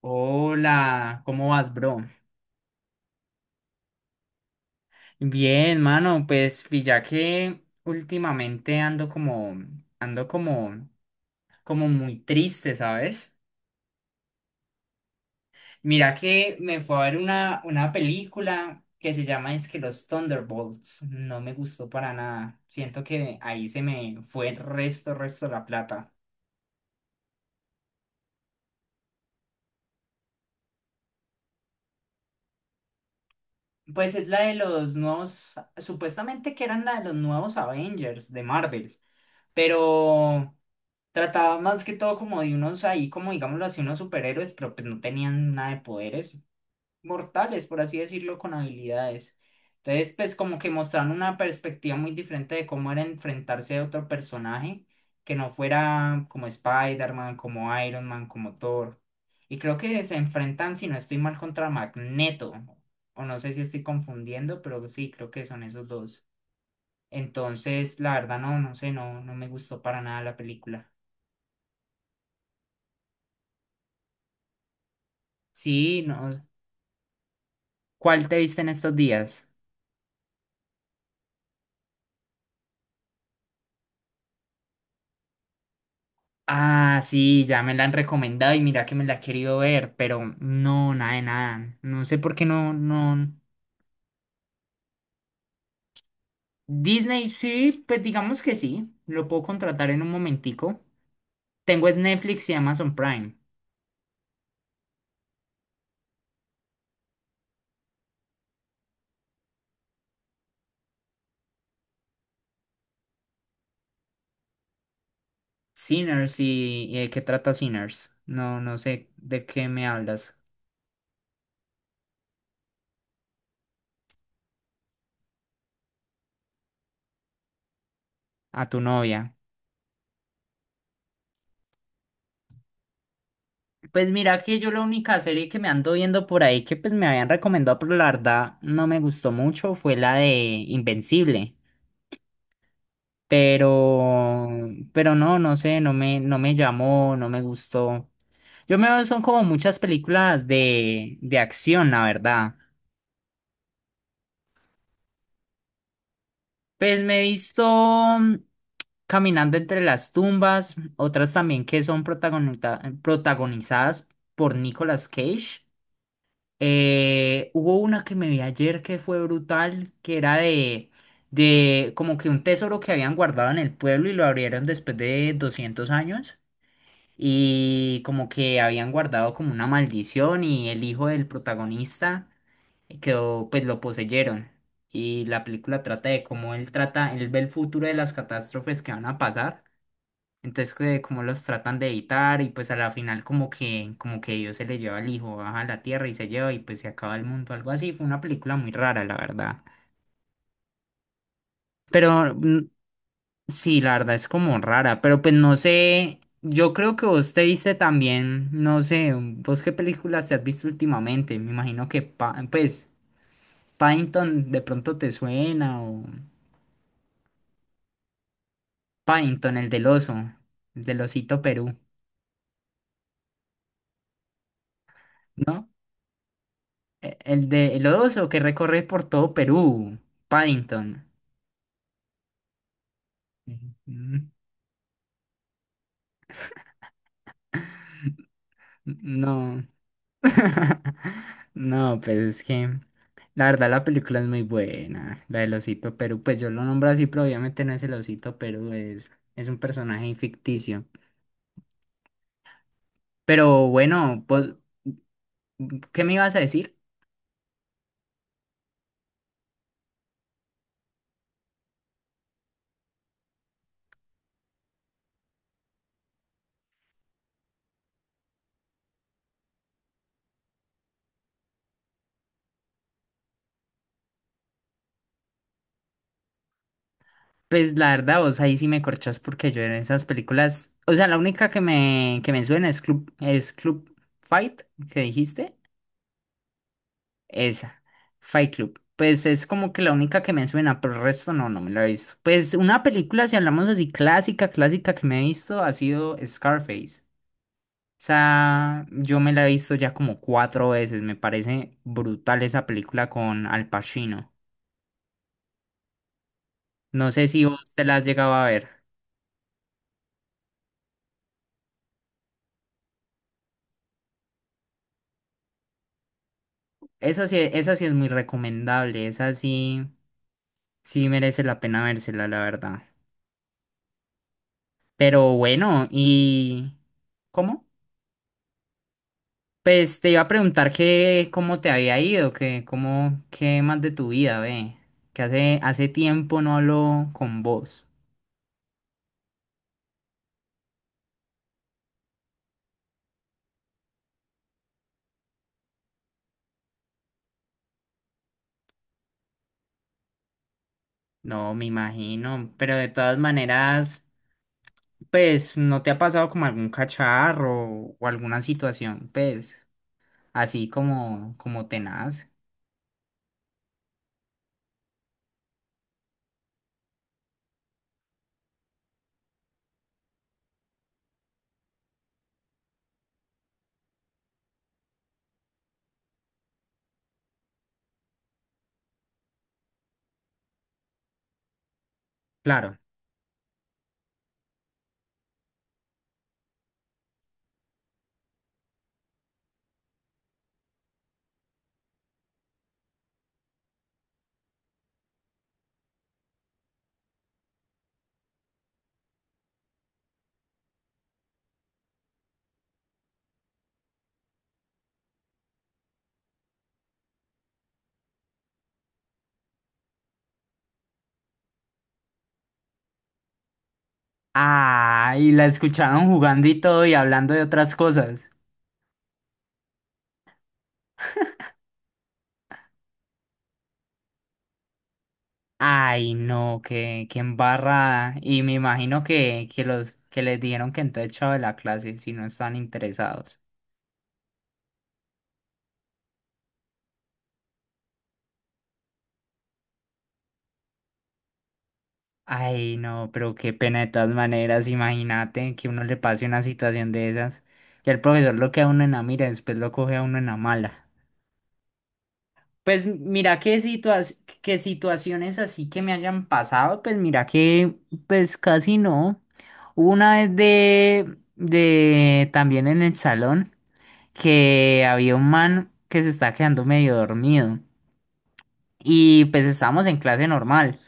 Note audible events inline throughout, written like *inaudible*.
Hola, ¿cómo vas, bro? Bien, mano, pues pilla que últimamente ando como, como muy triste, ¿sabes? Mira que me fue a ver una película que se llama es que Los Thunderbolts. No me gustó para nada. Siento que ahí se me fue el resto de la plata. Pues es la de los nuevos, supuestamente que eran la de los nuevos Avengers de Marvel, pero trataba más que todo como de unos ahí, como digámoslo así, unos superhéroes, pero pues no tenían nada de poderes mortales, por así decirlo, con habilidades. Entonces, pues como que mostraron una perspectiva muy diferente de cómo era enfrentarse a otro personaje que no fuera como Spider-Man, como Iron Man, como Thor. Y creo que se enfrentan, si no estoy mal, contra Magneto. O no sé si estoy confundiendo, pero sí, creo que son esos dos. Entonces, la verdad, no, no sé, no, no me gustó para nada la película. Sí, no. ¿Cuál te viste en estos días? Ah, sí, ya me la han recomendado y mira que me la he querido ver, pero no, nada de nada. No sé por qué no. Disney sí, pues digamos que sí, lo puedo contratar en un momentico. Tengo es Netflix y Amazon Prime. Sinners y ¿de qué trata Sinners? No, no sé de qué me hablas. A tu novia. Pues mira que yo la única serie que me ando viendo por ahí que pues me habían recomendado, pero la verdad no me gustó mucho, fue la de Invencible. Pero, pero no, no sé, no me llamó, no me gustó. Yo me veo, son como muchas películas de acción, la verdad. Pues me he visto mm, Caminando entre las tumbas, otras también que son protagonizadas por Nicolas Cage. Hubo una que me vi ayer que fue brutal, que era de como que un tesoro que habían guardado en el pueblo y lo abrieron después de 200 años y como que habían guardado como una maldición y el hijo del protagonista quedó, pues lo poseyeron. Y la película trata de cómo él trata, él ve el futuro de las catástrofes que van a pasar, entonces, que como los tratan de evitar y pues a la final como que Dios se le lleva al hijo, baja a la tierra y se lleva y pues se acaba el mundo, algo así. Fue una película muy rara, la verdad. Pero sí, la verdad es como rara, pero pues no sé, yo creo que vos te viste también, no sé, vos qué películas te has visto últimamente. Me imagino que pues Paddington de pronto te suena o Paddington, el del oso, el del osito Perú, ¿no? El de el oso que recorre por todo Perú, Paddington. Mm, No. *laughs* No, pues es que la verdad la película es muy buena, la del Osito Perú, pues yo lo nombro así, pero obviamente no es el Osito Perú, es un personaje ficticio. Pero bueno, vos, ¿qué me ibas a decir? Pues la verdad vos ahí sí me corchás porque yo en esas películas, o sea, la única que me suena es Club Fight, que dijiste. Esa, Fight Club. Pues es como que la única que me suena, pero el resto no, no me la he visto. Pues una película, si hablamos así, clásica que me he visto, ha sido Scarface. Esa, yo me la he visto ya como 4 veces. Me parece brutal esa película con Al Pacino. No sé si vos te la has llegado a ver. Esa sí es muy recomendable. Esa sí, sí merece la pena vérsela, la verdad. Pero bueno, y... ¿Cómo? Pues te iba a preguntar que cómo te había ido, que cómo, qué más de tu vida, ve. Que hace tiempo no hablo con vos. No, me imagino. Pero de todas maneras, pues, ¿no te ha pasado como algún cacharro o alguna situación, pues, así como, como tenaz? Claro. Ah, y la escucharon jugando y todo y hablando de otras cosas. Ay, no, qué embarrada. Y me imagino que los que les dijeron que entonces echado de la clase si no están interesados. Ay, no, pero qué pena de todas maneras, imagínate que uno le pase una situación de esas. Y el profesor lo que a uno en la mira, después lo coge a uno en la mala. Pues mira qué qué situaciones así que me hayan pasado, pues mira que pues casi no. Hubo una vez de también en el salón, que había un man que se estaba quedando medio dormido. Y pues estábamos en clase normal.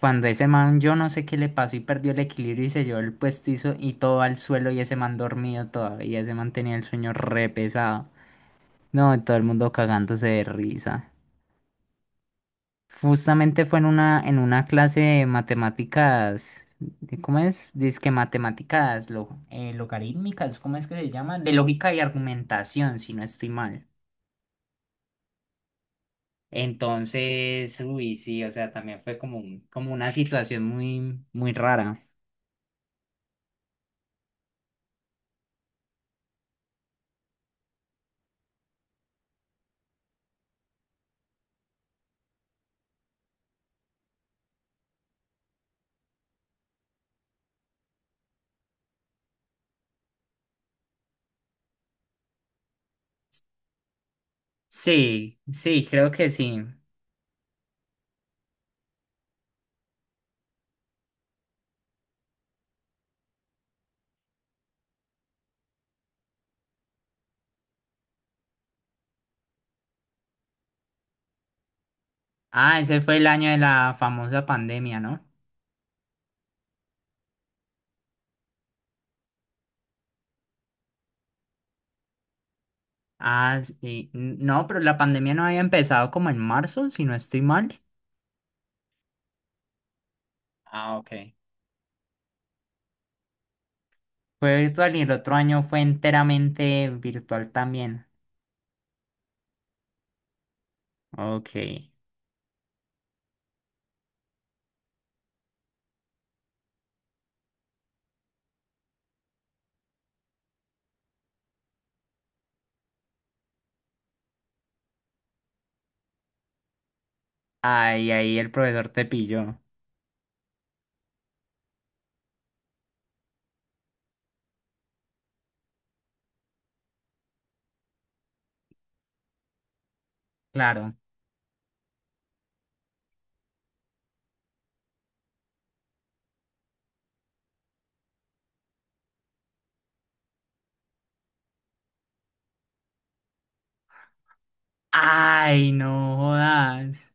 Cuando ese man, yo no sé qué le pasó y perdió el equilibrio y se llevó el puestizo y todo al suelo y ese man dormido todavía. Ese man tenía el sueño re pesado. No, todo el mundo cagándose de risa. Justamente fue en una clase de matemáticas. ¿Cómo es? Dizque matemáticas lo, logarítmicas, ¿cómo es que se llama? De lógica y argumentación, si no estoy mal. Entonces, uy, sí, o sea, también fue como, como una situación muy, muy rara. Sí, sí, creo que sí. Ah, ese fue el año de la famosa pandemia, ¿no? Ah, sí. No, pero la pandemia no había empezado como en marzo, si no estoy mal. Ah, ok. Fue virtual y el otro año fue enteramente virtual también. Ok. Ay, ahí el profesor te pilló. Claro. Ay, no jodas.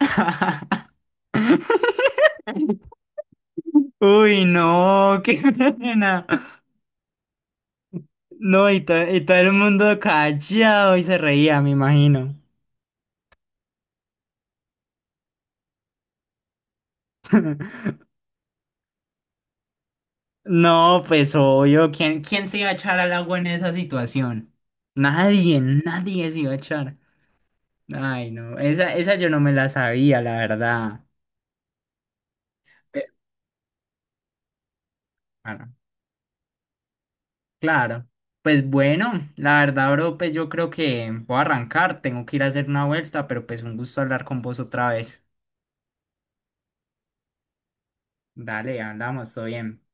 *laughs* Uy, no, *laughs* qué pena. No, y, to- y todo el mundo callado y se reía, me imagino. No, pues obvio, ¿ quién se iba a echar al agua en esa situación? Nadie, nadie se iba a echar. Ay, no, esa yo no me la sabía, la verdad. Pero, bueno, claro. Pues bueno, la verdad, bro, pues yo creo que voy a arrancar, tengo que ir a hacer una vuelta, pero pues un gusto hablar con vos otra vez. Dale, hablamos, todo bien.